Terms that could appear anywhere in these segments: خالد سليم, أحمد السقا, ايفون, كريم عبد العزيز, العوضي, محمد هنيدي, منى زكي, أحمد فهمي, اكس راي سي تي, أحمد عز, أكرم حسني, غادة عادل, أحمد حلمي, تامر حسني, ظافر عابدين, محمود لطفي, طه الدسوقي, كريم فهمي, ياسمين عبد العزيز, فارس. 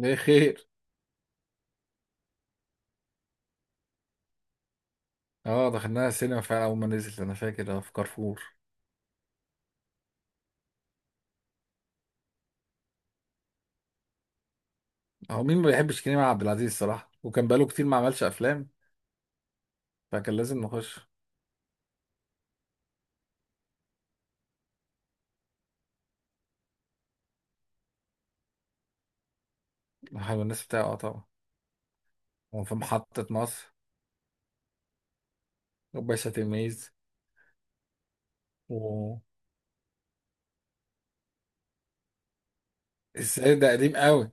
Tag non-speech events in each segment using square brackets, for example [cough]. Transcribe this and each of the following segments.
ليه؟ خير. اه دخلناها السينما فعلا، اول ما نزلت انا فاكر، في كارفور. هو مين ما بيحبش كريم عبد العزيز الصراحه؟ وكان بقاله كتير ما عملش افلام، فكان لازم نخش. حلو. الناس بتاعه، اه طبعا. وفي محطه مصر، وباشا تلميذ، و السيد ده قديم قوي.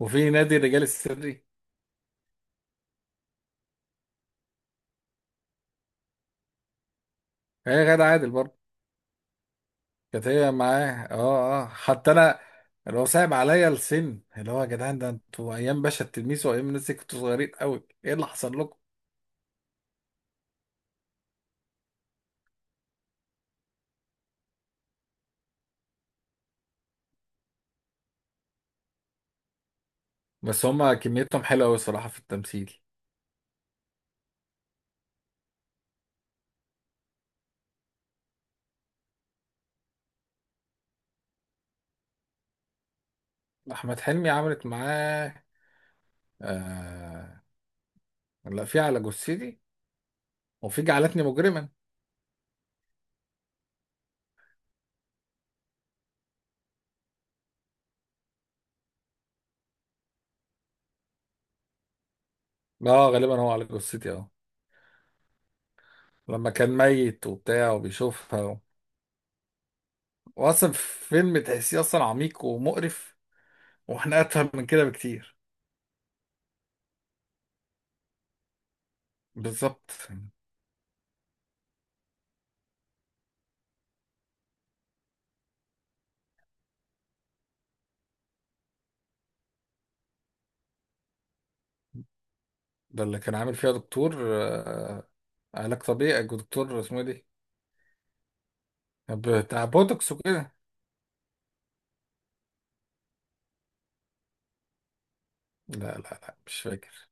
وفي نادي الرجال السري، هي غادة عادل برضه. كانت هي معاه، حتى انا، اللي هو صعب عليا السن، اللي هو، يا جدعان، ده انتوا ايام باشا التلميذ وايام الناس دي كنتوا صغيرين قوي! ايه اللي حصل لكم؟ بس هما كميتهم حلوه قوي الصراحه في التمثيل. احمد حلمي عملت معاه؟ آه... لا، في على جثتي، وفي جعلتني مجرما. اه، غالبا هو على جثتي، اه. لما كان ميت وبتاع وبيشوفها واصلا فيلم تحسيه اصلا عميق ومقرف، واحنا اتفهم من كده بكتير. بالظبط. ده اللي كان عامل فيها دكتور، آه... علاج طبيعي، دكتور اسمه إيه دي؟ بتاع بوتوكس وكده. لا لا لا، مش فاكر.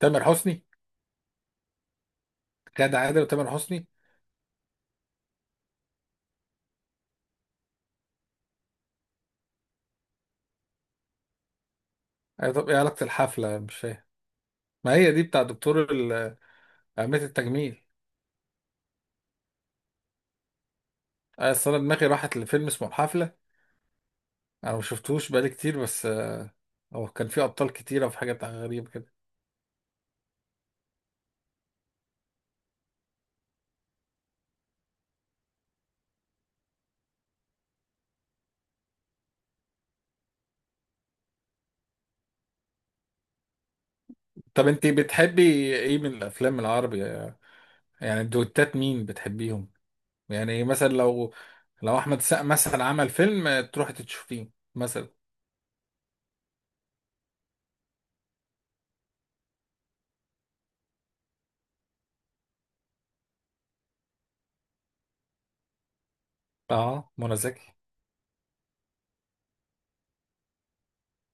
تامر حسني. غادة عادل وتامر حسني. أيوة، طب ايه علاقة الحفلة؟ مش فاهم. ما هي دي بتاع دكتور قابلة التجميل. أصل أنا دماغي راحت لفيلم اسمه الحفلة. أنا ما شفتهوش بقالي كتير، بس. هو كان فيه أبطال كتيرة وفي حاجات غريبة كده. طب أنت بتحبي إيه من الأفلام العربي؟ يعني الدويتات مين بتحبيهم؟ يعني مثلا لو، لو أحمد السقا مثلا عمل فيلم، تروحي تشوفيه مثلا؟ أه، منى زكي.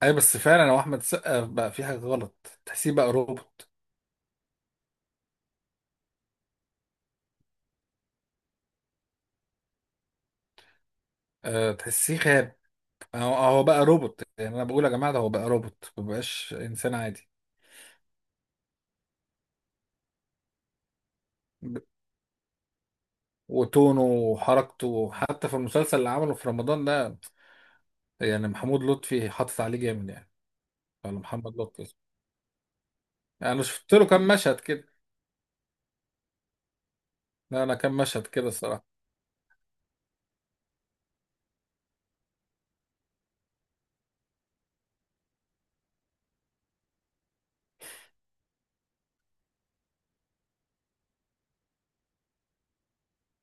أي بس فعلا هو أحمد السقا بقى في حاجة غلط، تحسيه بقى روبوت. تحسيه خاب. هو هو بقى روبوت، يعني أنا بقول يا جماعة ده هو بقى روبوت، مبقاش إنسان عادي. وتونه وحركته حتى في المسلسل اللي عمله في رمضان ده، يعني محمود لطفي حاطط عليه جامد يعني. ولا محمد لطفي اسمه. يعني انا شفت له كام مشهد كده. لا انا كام مشهد كده الصراحه.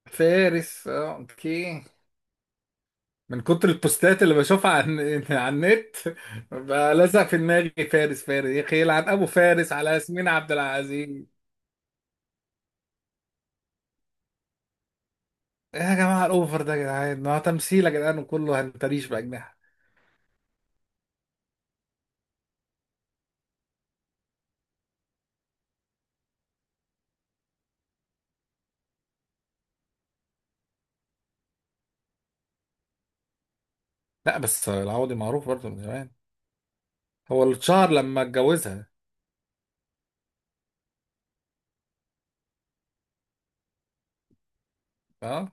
فارس، اوكي. من كتر البوستات اللي بشوفها عن [laughs] على النت، بقى لازق في دماغي. فارس فارس، يا اخي، يلعن ابو فارس على ياسمين عبد العزيز. إيه يا جماعه الاوفر ده يا جدعان؟ ما هو تمثيل يا جدعان وكله هنتريش باجنحه. لا بس العوضي معروف برضه من زمان، هو اللي اتشهر لما اتجوزها. اه،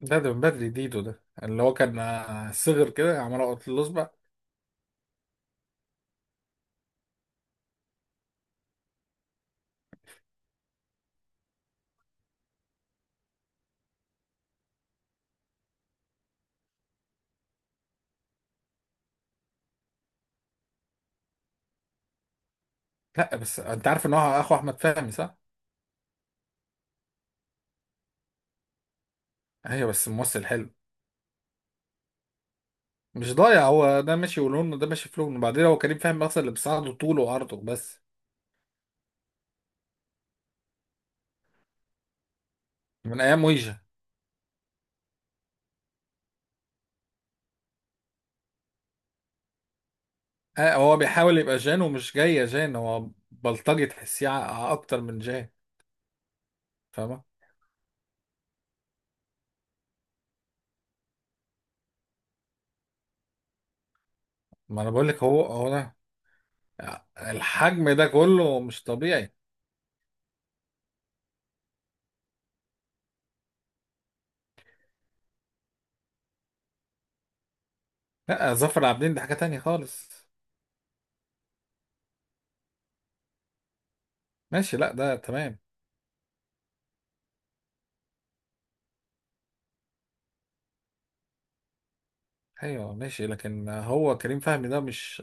ده من بدري. ديدو ده اللي هو كان صغر كده عمال اقط الاصبع. لا بس انت عارف ان هو اخو احمد فهمي، صح؟ ايوه بس ممثل حلو. مش ضايع، هو ده ماشي ولونه، وده ماشي في لونه، وبعدين هو كريم فهمي اصلا اللي بيساعده طوله وعرضه بس. من ايام ويجا. هو بيحاول يبقى جان ومش جاي جان، هو بلطجي تحسيه، اكتر من جان. فاهمه؟ ما انا بقول لك، هو هو ده، الحجم ده كله مش طبيعي. لا ظافر عابدين ده حاجه تانية خالص. ماشي، لا ده تمام. ايوه ماشي، لكن هو كريم فهمي ده مش،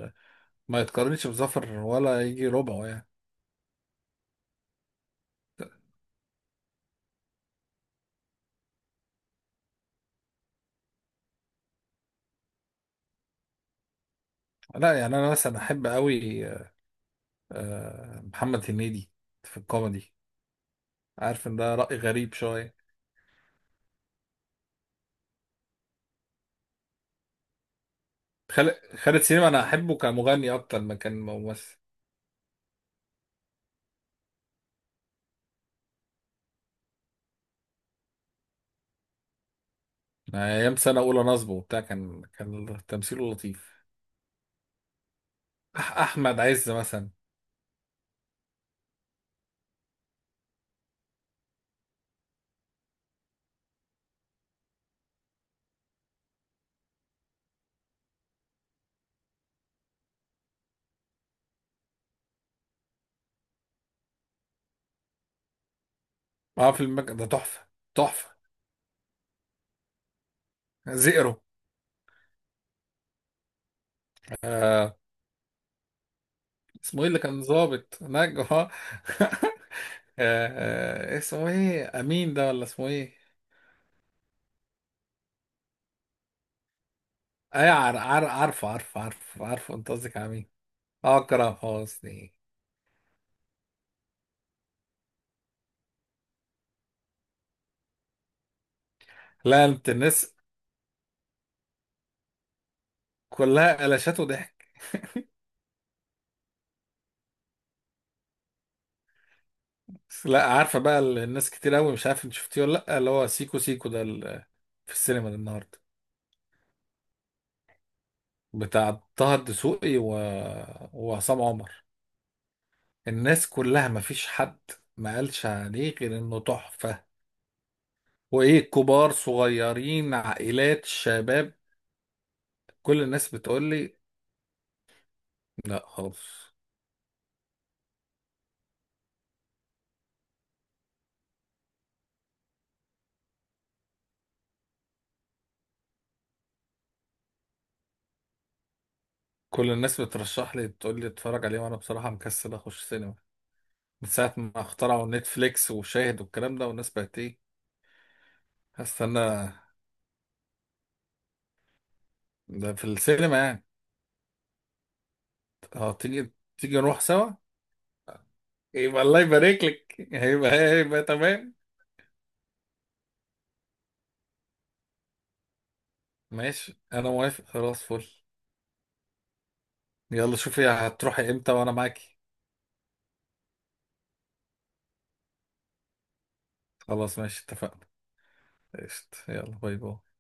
ما يتقارنش بظفر ولا يجي ربعه يعني. لا يعني انا مثلا احب قوي محمد هنيدي في الكوميدي. عارف ان ده رأي غريب شويه. خالد سليم انا احبه كمغني اكتر ما كان ممثل. أنا ايام سنه اولى نصبه وبتاع كان تمثيله لطيف. احمد عز مثلا. اه، ده تحفه. تحفه. زئرو. آه اسمه ايه اللي كان ظابط نجوى؟ [laughs] آه، اسمه ايه امين ده، ولا اسمه ايه؟ اي، عارفه عارفه عارفه عارفه، انت قصدك على مين. اكرم حسني. لا انت الناس كلها قلشات وضحك. بس لا، عارفه بقى، الناس كتير قوي، مش عارف انت شفتيه ولا لا، اللي هو سيكو سيكو ده في السينما ده النهارده، بتاع طه الدسوقي وعصام عمر. الناس كلها، ما فيش حد ما قالش عليه غير انه تحفه، وايه، كبار، صغيرين، عائلات، شباب، كل الناس بتقول لي. لا خالص. كل الناس بترشح لي، بتقول لي اتفرج عليه، وانا بصراحة مكسل اخش سينما من ساعة ما اخترعوا نتفليكس وشاهد والكلام ده، والناس بقت ايه. هستنى. ده في السينما يعني؟ اه، تيجي، تيجي نروح سوا؟ يبقى الله يبارك لك، هيبقى تمام. ماشي، انا موافق، خلاص، فل. يلا شوفي هتروحي امتى وانا معاكي. خلاص ماشي، اتفقنا. قشطة، يلا، باي باي.